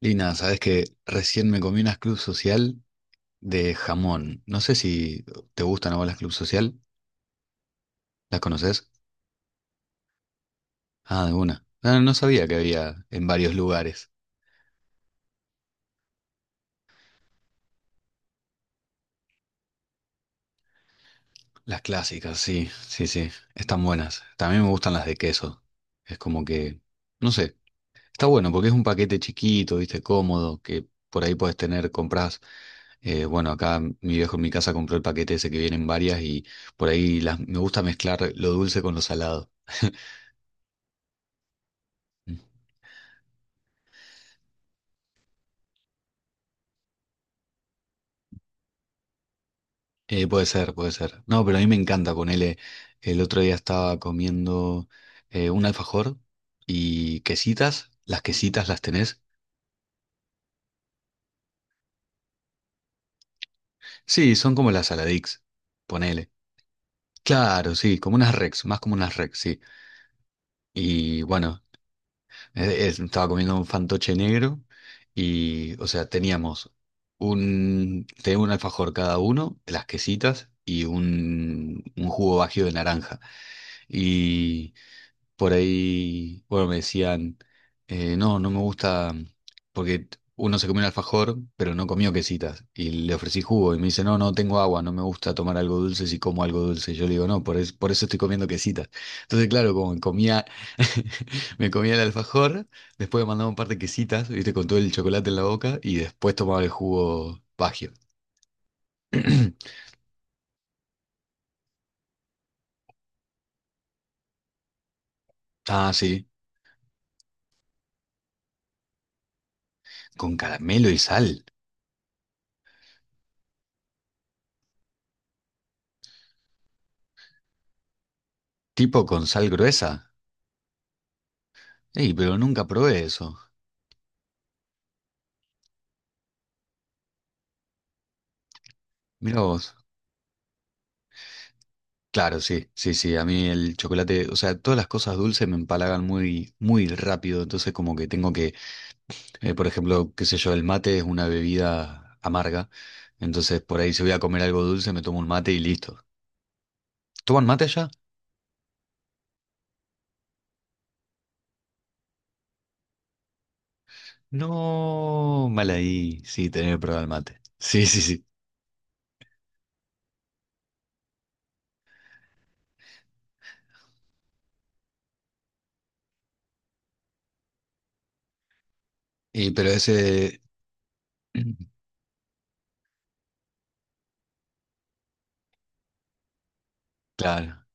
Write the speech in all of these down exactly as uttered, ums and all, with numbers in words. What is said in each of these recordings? Lina, sabes que recién me comí unas club social de jamón. No sé si te gustan a vos las club social. ¿Las conoces? Ah, de una. Ah, no sabía que había en varios lugares. Las clásicas, sí, sí, sí. Están buenas. También me gustan las de queso. Es como que, no sé, está bueno porque es un paquete chiquito, viste, cómodo, que por ahí podés tener, compras. Eh, bueno, acá mi viejo en mi casa compró el paquete ese que vienen varias y por ahí las, me gusta mezclar lo dulce con lo salado. Eh, puede ser, puede ser. No, pero a mí me encanta ponerle. El otro día estaba comiendo eh, un alfajor y quesitas. ¿Las quesitas las tenés? Sí, son como las Saladix. Ponele. Claro, sí, como unas Rex, más como unas Rex, sí. Y bueno, eh, eh, estaba comiendo un fantoche negro y, o sea, teníamos un, tenía un alfajor cada uno, las quesitas y un, un jugo bajío de naranja. Por ahí, bueno, me decían, eh, no, no me gusta, porque uno se comió un alfajor, pero no comió quesitas, y le ofrecí jugo, y me dice, no, no tengo agua, no me gusta tomar algo dulce si como algo dulce. Y yo le digo, no, por, es- por eso estoy comiendo quesitas. Entonces, claro, como me comía, me comía el alfajor, después me mandaba un par de quesitas, viste, con todo el chocolate en la boca, y después tomaba el jugo Bagio. Ah, sí, con caramelo y sal, tipo con sal gruesa. Ey, pero nunca probé eso. Mira vos. Claro, sí, sí, sí. A mí el chocolate, o sea, todas las cosas dulces me empalagan muy, muy rápido. Entonces, como que tengo que, eh, por ejemplo, qué sé yo, el mate es una bebida amarga. Entonces, por ahí si voy a comer algo dulce, me tomo un mate y listo. ¿Toman mate allá? No, mal ahí. Sí, tener que probar el mate. Sí, sí, sí. Y pero ese, claro.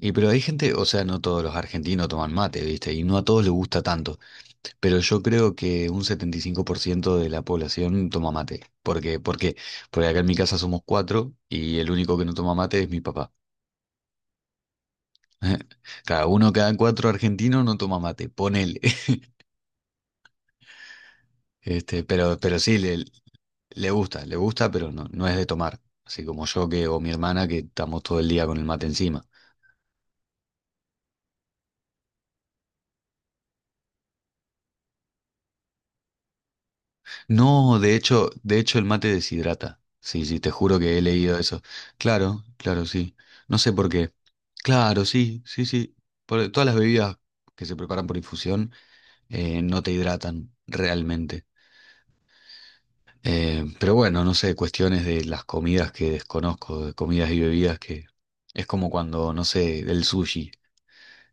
Y pero hay gente, o sea, no todos los argentinos toman mate, ¿viste? Y no a todos les gusta tanto. Pero yo creo que un setenta y cinco por ciento de la población toma mate. ¿Por qué? ¿Por qué? Porque acá en mi casa somos cuatro y el único que no toma mate es mi papá. Cada uno, cada cuatro argentinos no toma mate, ponele. Este, pero, pero sí, le, le gusta, le gusta, pero no, no es de tomar. Así como yo que, o mi hermana que estamos todo el día con el mate encima. No, de hecho, de hecho el mate deshidrata. Sí, sí, te juro que he leído eso. Claro, claro, sí. No sé por qué. Claro, sí, sí, sí. Por- todas las bebidas que se preparan por infusión eh, no te hidratan realmente. Eh, pero bueno, no sé, cuestiones de las comidas que desconozco, de comidas y bebidas que es como cuando, no sé, el sushi.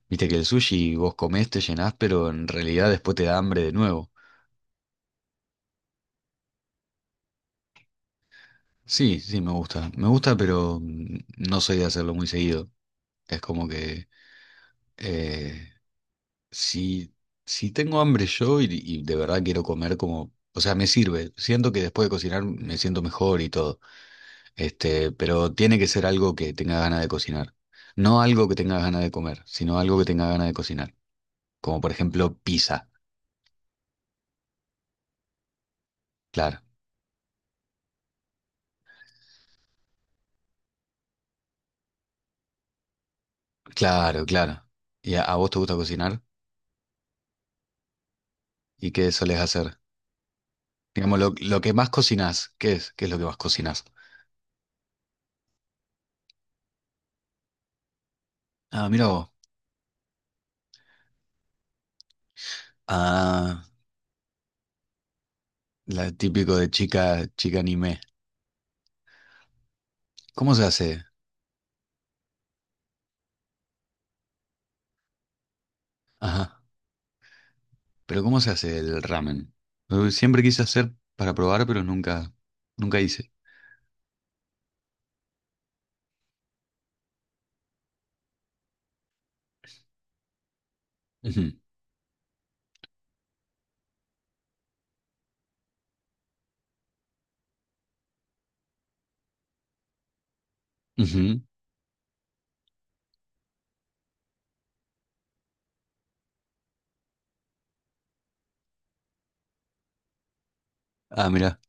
Viste que el sushi vos comés, te llenás, pero en realidad después te da hambre de nuevo. Sí, sí, me gusta. Me gusta, pero mm, no soy de hacerlo muy seguido. Es como que eh, si, si tengo hambre yo y, y de verdad quiero comer como, o sea, me sirve. Siento que después de cocinar me siento mejor y todo. Este, pero tiene que ser algo que tenga ganas de cocinar. No algo que tenga ganas de comer, sino algo que tenga ganas de cocinar. Como por ejemplo pizza. Claro, claro, claro. ¿Y a, a vos te gusta cocinar? ¿Y qué solés hacer? Digamos, lo, lo que más cocinás, ¿qué es? ¿Qué es lo que más cocinás? Ah, mira vos. Ah, la típico de chica, chica anime. ¿Cómo se hace? Ajá. Pero ¿cómo se hace el ramen? Eh, Siempre quise hacer para probar, pero nunca, nunca hice. Ujú, ujú. Ah, mira.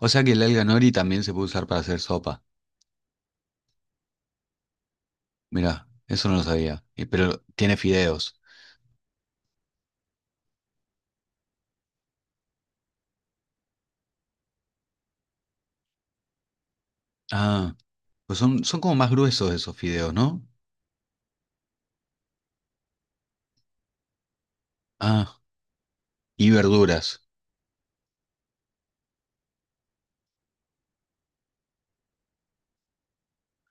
O sea que el alga nori también se puede usar para hacer sopa. Mira, eso no lo sabía. Y- Pero tiene fideos. Ah, pues son, son como más gruesos esos fideos, ¿no? Ah, y verduras.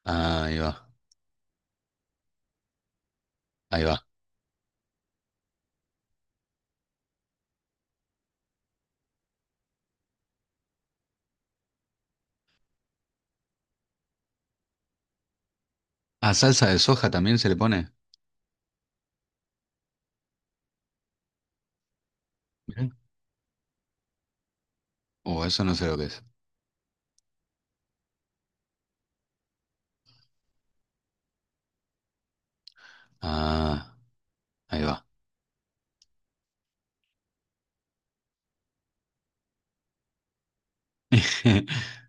Ah, ahí va, ahí va. Ah, salsa de soja también se le pone. Mirá. Oh, eso no sé lo que es. Ah. Ahí va.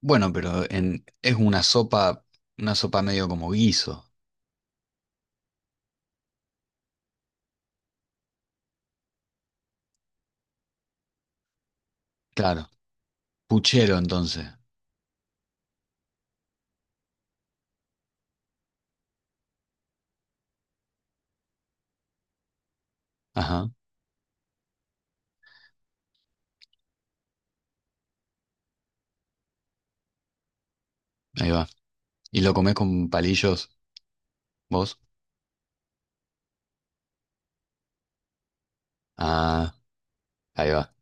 Bueno, pero en, es una sopa, una sopa medio como guiso. Claro. Puchero, entonces. Ajá, ahí va. ¿Y lo comés con palillos, vos? Ah, ahí va.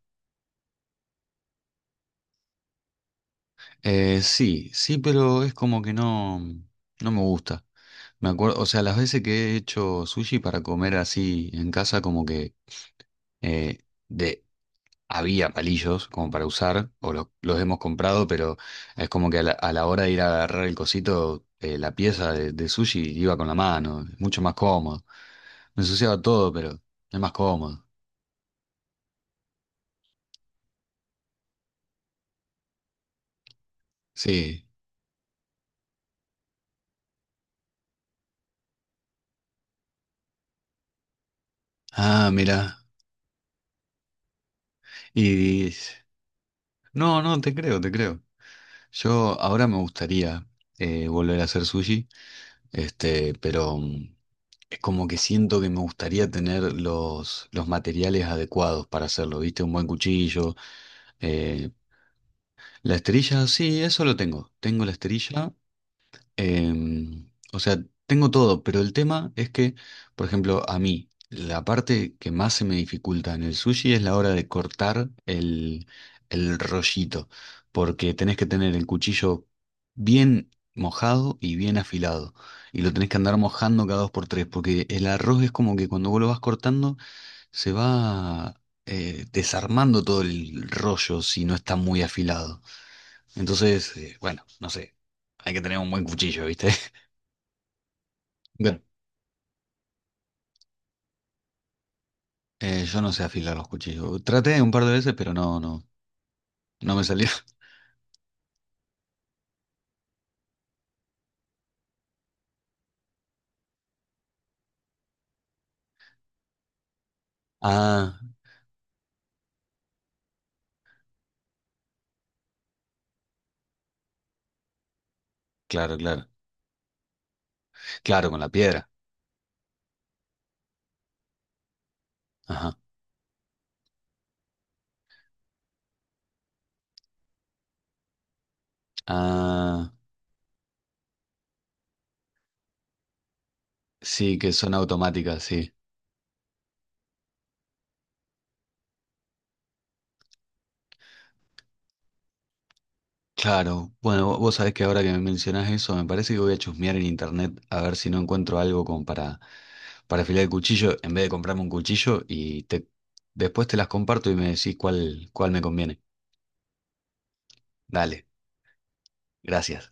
Eh, sí, sí, pero es como que no, no me gusta. Me acuerdo, o sea, las veces que he hecho sushi para comer así en casa, como que eh, de, había palillos como para usar, o lo- los hemos comprado, pero es como que a la, a la hora de ir a agarrar el cosito, eh, la pieza de, de sushi iba con la mano, es mucho más cómodo. Me ensuciaba todo, pero es más cómodo. Sí. Ah, mira. Y no, no, te creo, te creo. Yo ahora me gustaría eh, volver a hacer sushi, este, pero mm, es como que siento que me gustaría tener los, los materiales adecuados para hacerlo, ¿viste? Un buen cuchillo eh, la esterilla, sí, eso lo tengo. Tengo la esterilla. Em, o sea, tengo todo, pero el tema es que, por ejemplo, a mí, la parte que más se me dificulta en el sushi es la hora de cortar el, el rollito, porque tenés que tener el cuchillo bien mojado y bien afilado, y lo tenés que andar mojando cada dos por tres, porque el arroz es como que cuando vos lo vas cortando, se va... eh, desarmando todo el rollo si no está muy afilado. Entonces, eh, bueno, no sé, hay que tener un buen cuchillo, ¿viste? Bueno, eh, yo no sé afilar los cuchillos. Traté un par de veces, pero no, no, no me salió. Ah, claro, claro. Claro, con la piedra. Ajá. Ah, sí, que son automáticas, sí. Claro. Bueno, vo- vos sabés que ahora que me mencionás eso, me parece que voy a chusmear en internet a ver si no encuentro algo como para, para afilar el cuchillo, en vez de comprarme un cuchillo y te, después te las comparto y me decís cuál, cuál me conviene. Dale, gracias.